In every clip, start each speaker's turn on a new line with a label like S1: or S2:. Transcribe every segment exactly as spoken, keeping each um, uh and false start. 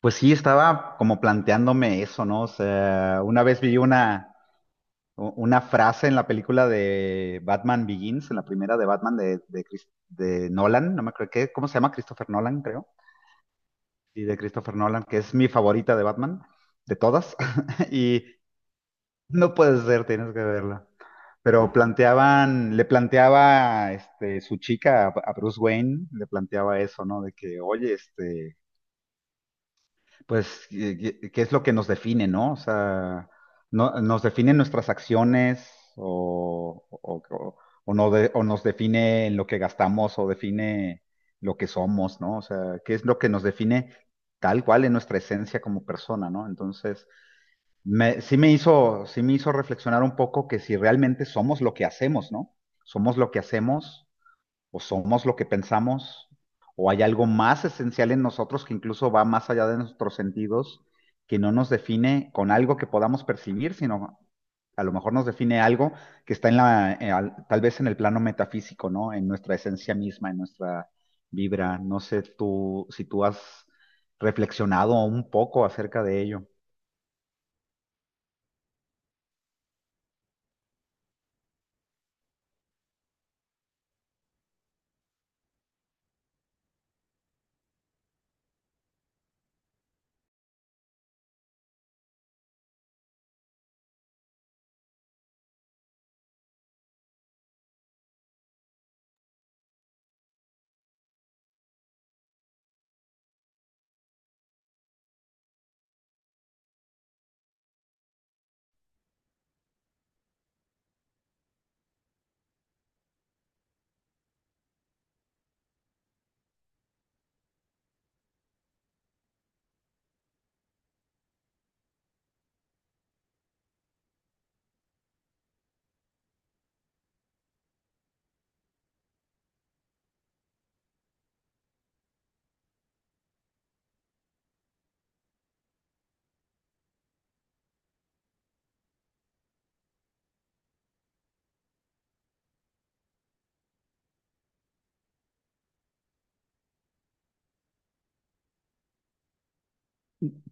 S1: Pues sí, estaba como planteándome eso, ¿no? O sea, una vez vi una, u- una frase en la película de Batman Begins, en la primera de Batman de, de, Chris- de Nolan, no me acuerdo qué, ¿cómo se llama? Christopher Nolan, creo. Sí, de Christopher Nolan, que es mi favorita de Batman, de todas. Y no puede ser, tienes que verla. Pero planteaban, le planteaba este, su chica a a Bruce Wayne, le planteaba eso, ¿no? De que, oye, este. Pues, ¿qué qué es lo que nos define, no? O sea, no, ¿nos definen nuestras acciones o, o, o- o no de- o nos define en lo que gastamos o define lo que somos, ¿no? O sea, ¿qué es lo que nos define tal cual en nuestra esencia como persona, ¿no? Entonces, me, sí me hizo, sí me hizo reflexionar un poco que si realmente somos lo que hacemos, ¿no? Somos lo que hacemos o somos lo que pensamos, o hay algo más esencial en nosotros que incluso va más allá de nuestros sentidos, que no nos define con algo que podamos percibir, sino a lo mejor nos define algo que está en la, eh, al- tal vez en el plano metafísico, ¿no? En nuestra esencia misma, en nuestra vibra. No sé tú si tú has reflexionado un poco acerca de ello.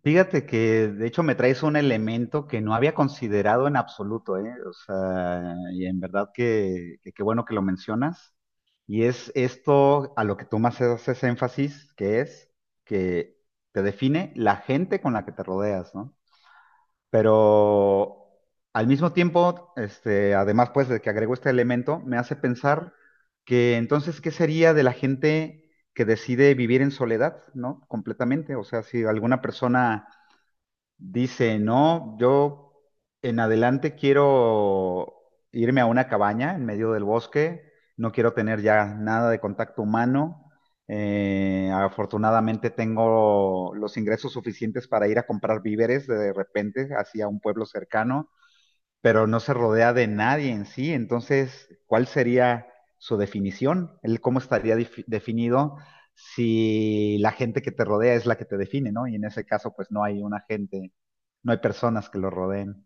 S1: Fíjate que de hecho me traes un elemento que no había considerado en absoluto, ¿eh? O sea, y en verdad que que qué bueno que lo mencionas. Y es esto a lo que tú más haces énfasis, que es que te define la gente con la que te rodeas, ¿no? Pero al mismo tiempo, este, además pues de que agrego este elemento, me hace pensar que entonces, ¿qué sería de la gente que decide vivir en soledad, ¿no? Completamente. O sea, si alguna persona dice, no, yo en adelante quiero irme a una cabaña en medio del bosque, no quiero tener ya nada de contacto humano. Eh, afortunadamente tengo los ingresos suficientes para ir a comprar víveres de repente hacia un pueblo cercano, pero no se rodea de nadie en sí. Entonces, ¿cuál sería su definición? ¿El cómo estaría dif- definido si la gente que te rodea es la que te define, ¿no? Y en ese caso, pues no hay una gente, no hay personas que lo rodeen.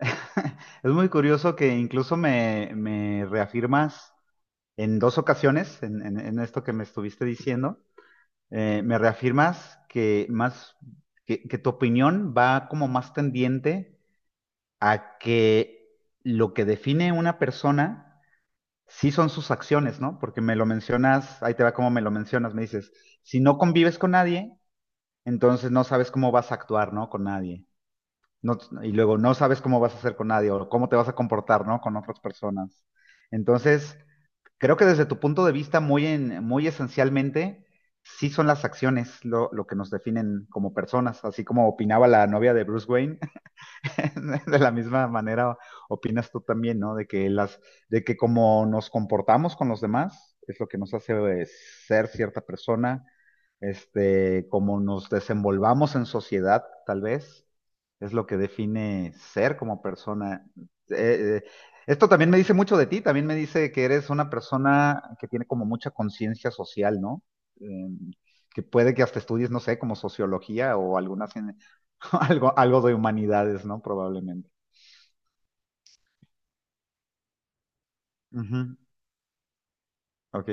S1: Es muy curioso que incluso me, me reafirmas en dos ocasiones, en, en- en esto que me estuviste diciendo, eh, me reafirmas que más, que, que tu opinión va como más tendiente a que lo que define una persona sí son sus acciones, ¿no? Porque me lo mencionas, ahí te va como me lo mencionas, me dices, si no convives con nadie, entonces no sabes cómo vas a actuar, ¿no? Con nadie. no- y luego no sabes cómo vas a hacer con nadie o cómo te vas a comportar, ¿no? Con otras personas. Entonces, creo que desde tu punto de vista, muy, en, muy esencialmente, sí son las acciones lo, lo que nos definen como personas, así como opinaba la novia de Bruce Wayne, de la misma manera opinas tú también, ¿no? De que las, de que como nos comportamos con los demás es lo que nos hace eh, ser cierta persona, este, como nos desenvolvamos en sociedad, tal vez, es lo que define ser como persona. Eh, eh, Esto también me dice mucho de ti, también me dice que eres una persona que tiene como mucha conciencia social, ¿no? Eh, que puede que hasta estudies, no sé, como sociología o algunas, algo, algo de humanidades, ¿no? Probablemente. Ujú. Ok.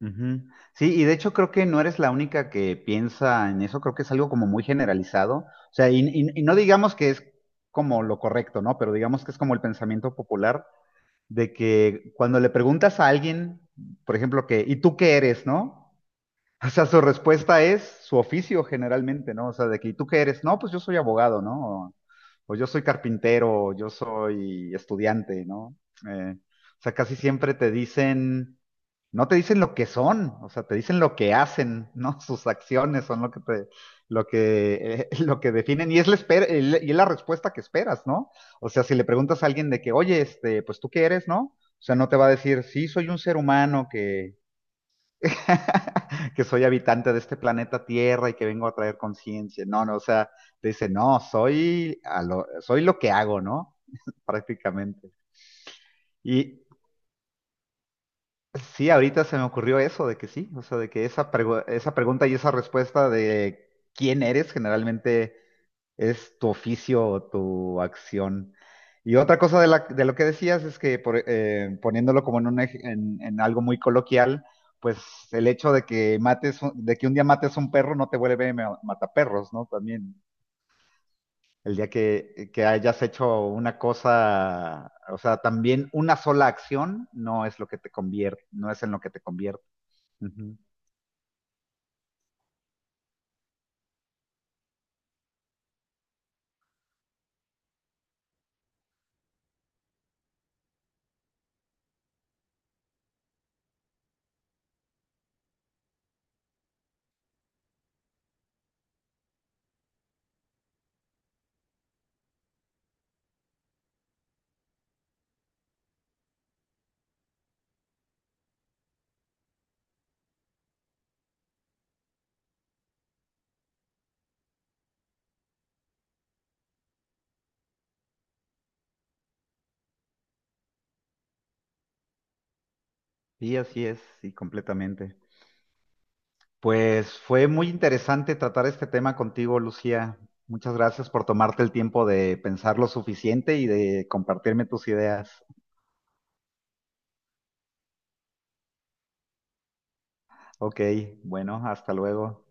S1: Ujú. Sí, y de hecho creo que no eres la única que piensa en eso, creo que es algo como muy generalizado, o sea, y, y- y no digamos que es como lo correcto, ¿no? Pero digamos que es como el pensamiento popular de que cuando le preguntas a alguien, por ejemplo, que, ¿y tú qué eres, no? O sea, su respuesta es su oficio generalmente, ¿no? O sea, de que, ¿y tú qué eres? No, pues yo soy abogado, ¿no? O, o yo soy carpintero, o yo soy estudiante, ¿no? Eh, o sea, casi siempre te dicen, no te dicen lo que son, o sea, te dicen lo que hacen, ¿no? Sus acciones son lo que te, lo que, eh, lo que definen y es la esper- el- y es la respuesta que esperas, ¿no? O sea, si le preguntas a alguien de que, oye, este, pues tú qué eres, ¿no? O sea, no te va a decir, sí, soy un ser humano que que soy habitante de este planeta Tierra y que vengo a traer conciencia. No, no, o sea, te dice, no, soy, a lo, soy lo que hago, ¿no? Prácticamente. Y sí, ahorita se me ocurrió eso, de que sí, o sea, de que esa, pregu- esa pregunta y esa respuesta de quién eres generalmente es tu oficio o tu acción. Y otra cosa de, la- de lo que decías es que por- eh, poniéndolo como en, un ej- en- en algo muy coloquial, pues el hecho de que mates, un- de que un día mates un perro no te vuelve ma- mataperros, ¿no? También el día que, que hayas hecho una cosa, o sea, también una sola acción no es lo que te convierte, no es en lo que te convierte. Ujú. Sí, así es, sí, completamente. Pues fue muy interesante tratar este tema contigo, Lucía. Muchas gracias por tomarte el tiempo de pensar lo suficiente y de compartirme tus ideas. Ok, bueno, hasta luego.